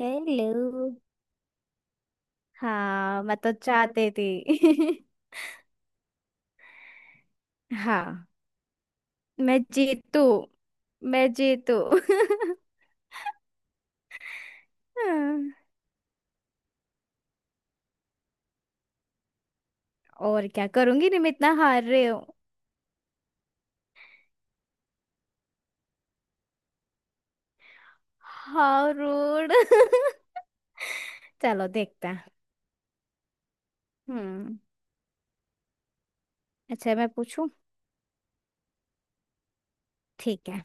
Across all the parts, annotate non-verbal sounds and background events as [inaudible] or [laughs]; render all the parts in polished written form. Hello. हाँ, मैं तो चाहती थी। [laughs] हाँ। मैं जीतू, मैं जीतू। [laughs] और क्या करूंगी, तुम इतना हार रहे हो। How rude. [laughs] चलो देखते हैं। हम्म। अच्छा, मैं पूछूं? ठीक है।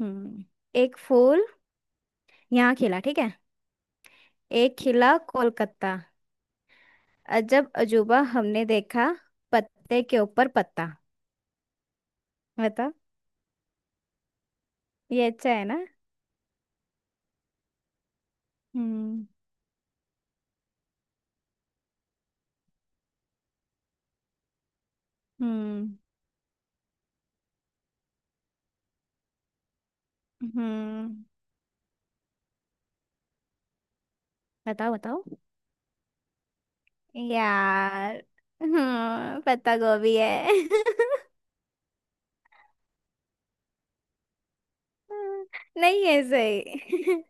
हम्म। एक फूल यहाँ खिला, ठीक है? एक खिला कोलकाता। अजब अजूबा हमने देखा, पत्ते के ऊपर पत्ता। बता। ये अच्छा है ना? हम्म हम्म हम्म। बताओ बताओ यार। हम्म, पत्ता गोभी है। [laughs] नहीं है सही। [laughs]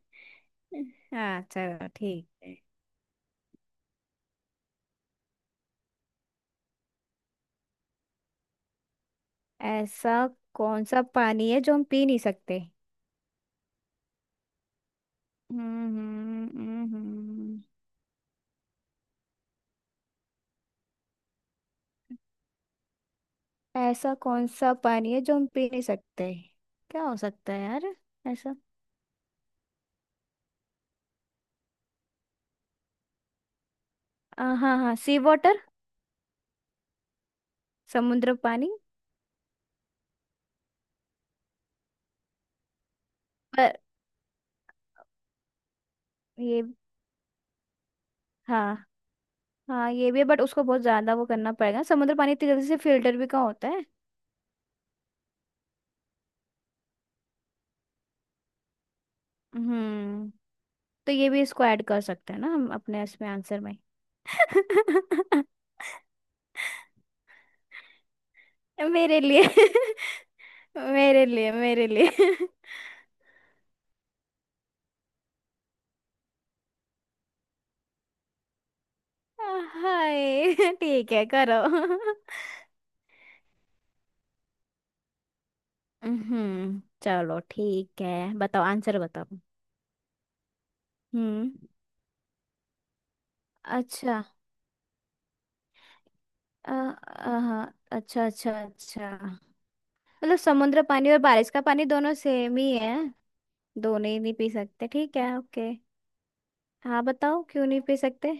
हाँ, चलो ठीक है। ऐसा कौन सा पानी है जो हम पी नहीं सकते? हम्म। ऐसा कौन सा पानी है जो हम पी नहीं सकते? क्या हो सकता है यार? ऐसा हाँ हाँ, सी वाटर। समुद्र पानी। पर ये, हाँ। हाँ ये भी है बट उसको बहुत ज्यादा वो करना पड़ेगा। समुद्र पानी इतनी जल्दी से फिल्टर भी कहाँ होता है। हम्म। तो ये भी इसको ऐड कर सकते हैं ना हम अपने इसमें आंसर में। [laughs] मेरे लिए। [laughs] मेरे लिए, मेरे लिए। [laughs] हाय। ठीक है, करो। [laughs] हम्म, चलो ठीक है, बताओ आंसर बताओ। हम्म। अच्छा। अच्छा अच्छा अच्छा। मतलब समुद्र पानी और बारिश का पानी दोनों सेम ही है? दोनों ही नहीं पी सकते? ठीक है, ओके। हाँ, बताओ क्यों नहीं पी सकते।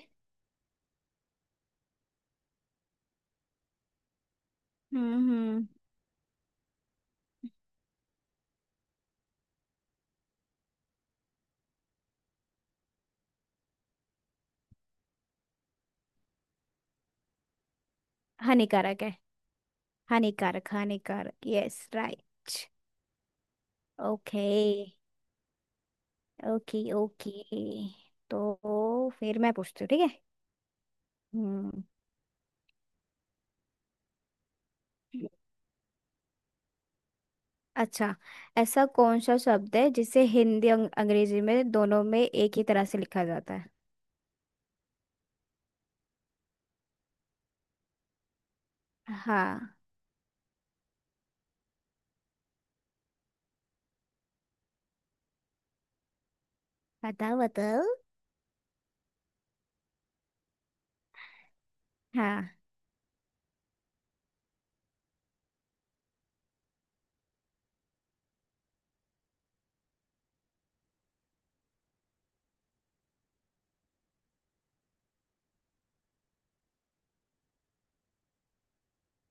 हम्म। हानिकारक है। हानिकारक हानिकारक, yes right. Okay. Okay okay. तो फिर मैं पूछती हूँ, ठीक है? हम्म। अच्छा, ऐसा कौन सा शब्द है जिसे हिंदी अंग्रेजी में, दोनों में एक ही तरह से लिखा जाता है? हाँ। बताओ बताओ। हाँ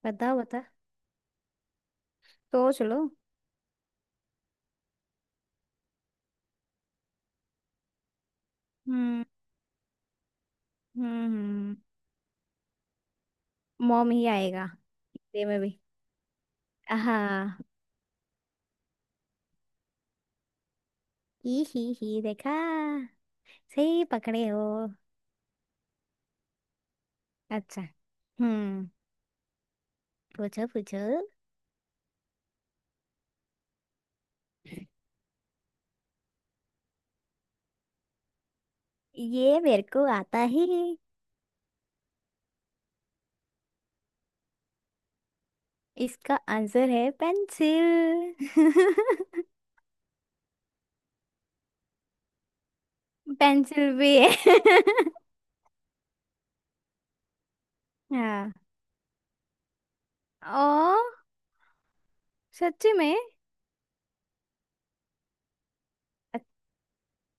बताओ बताओ। सोच लो। हम्म हम्म। मॉम ही आएगा हिंदी में भी। हाँ। ही, देखा? सही पकड़े हो। अच्छा, हम्म। पूछो पूछो। ये मेरे को आता ही। इसका आंसर है पेंसिल। [laughs] पेंसिल भी है। [laughs] हाँ। ओ, सच्ची में? अच्छ-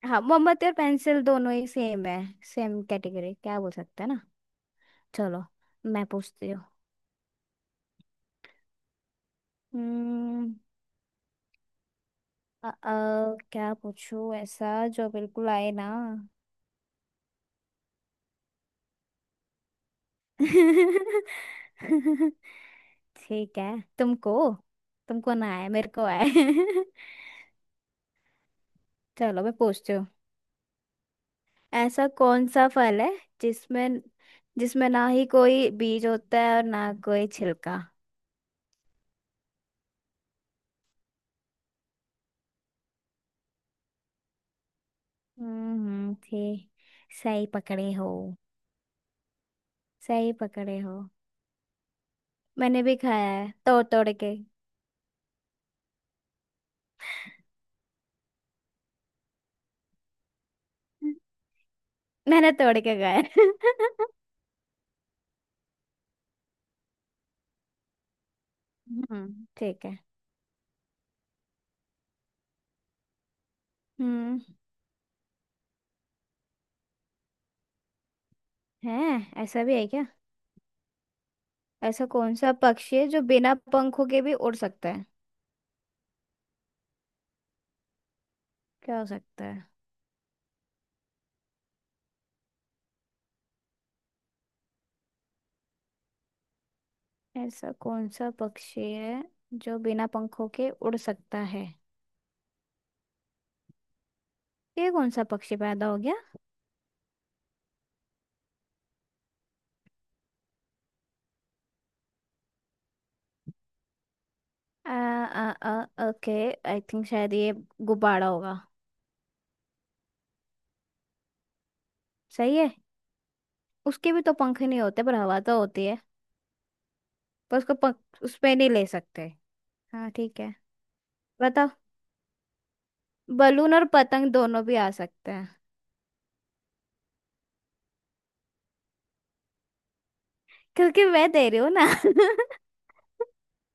हाँ, मोमबत्ती और पेंसिल दोनों ही सेम है। सेम कैटेगरी क्या बोल सकते हैं ना। चलो मैं पूछती हूँ। हम्म। अ, अ, क्या पूछूं ऐसा जो बिल्कुल आए ना। [laughs] ठीक है। तुमको, तुमको ना आए मेरे को आए। [laughs] चलो मैं पूछती हूँ। ऐसा कौन सा फल है जिसमें, जिसमें ना ही कोई बीज होता है और ना कोई छिलका? हम्म, ठीक। सही पकड़े हो। सही पकड़े हो। मैंने भी खाया है तोड़ तोड़ के। [laughs] मैंने तोड़ के खाया है। [laughs] हम्म, ठीक है। हम्म। है। ऐसा भी है क्या? ऐसा कौन सा पक्षी है जो बिना पंखों के भी उड़ सकता है? क्या हो सकता है? ऐसा कौन सा पक्षी है जो बिना पंखों के उड़ सकता है? ये कौन सा पक्षी पैदा हो गया? आ, ओके, आई थिंक शायद ये गुब्बारा होगा। सही है। उसके भी तो पंख नहीं होते पर हवा तो होती है। पर उसको पंख उस पे नहीं ले सकते। हाँ, ठीक है। बताओ। बलून और पतंग दोनों भी आ सकते हैं। क्योंकि मैं दे रही हूँ ना। [laughs]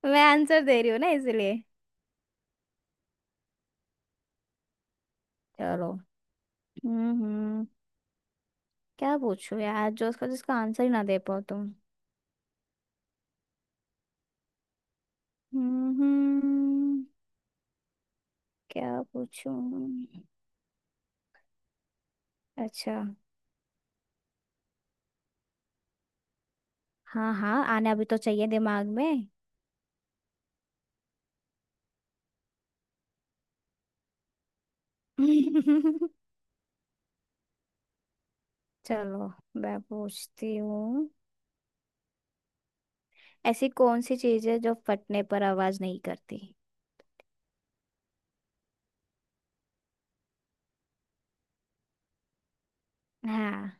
मैं आंसर दे रही हूँ ना, इसलिए। चलो। हम्म। क्या पूछूं यार, जो उसका जिसका आंसर ही ना दे पाओ तुम। हम्म। क्या पूछूं? अच्छा। हाँ हाँ, आना भी तो चाहिए दिमाग में। [laughs] चलो मैं पूछती हूँ। ऐसी कौन सी चीज है जो फटने पर आवाज नहीं करती? हाँ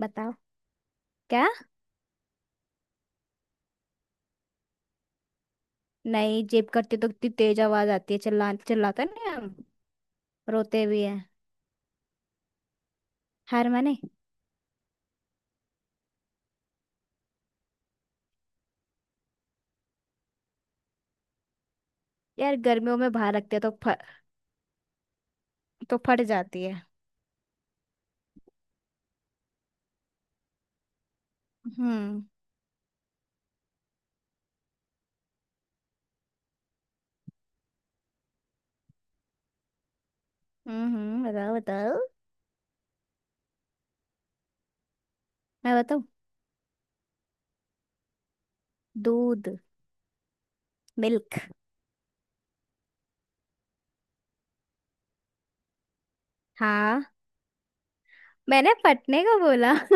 बताओ। क्या? नहीं, जेब करते तो इतनी तेज आवाज आती है, चिल्ला चिल्लाते नहीं हम? रोते भी हैं। हार माने? यार, गर्मियों में बाहर रखते हैं तो तो फट जाती है। हम्म हम्म। बताओ बताओ। मैं बताऊँ? दूध। मिल्क। हाँ, मैंने फटने को बोला। [laughs]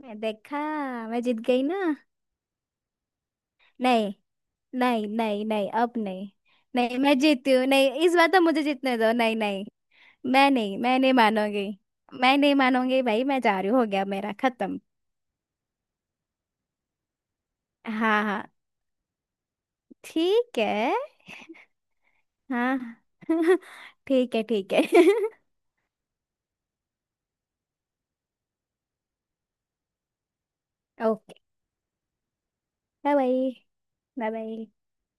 मैं देखा। मैं जीत गई ना? नहीं नहीं नहीं, नहीं अब नहीं। नहीं, मैं जीती हूँ, नहीं इस बार तो मुझे जीतने दो, नहीं नहीं। मैं नहीं, मैं नहीं मानूंगी। मैं नहीं मानूंगी भाई, मैं जा रही हूँ, हो गया मेरा खत्म। हाँ हाँ, ठीक है। हाँ। [laughs] ठीक है, ठीक है। [laughs] Okay, bye. Bye bye. Bye.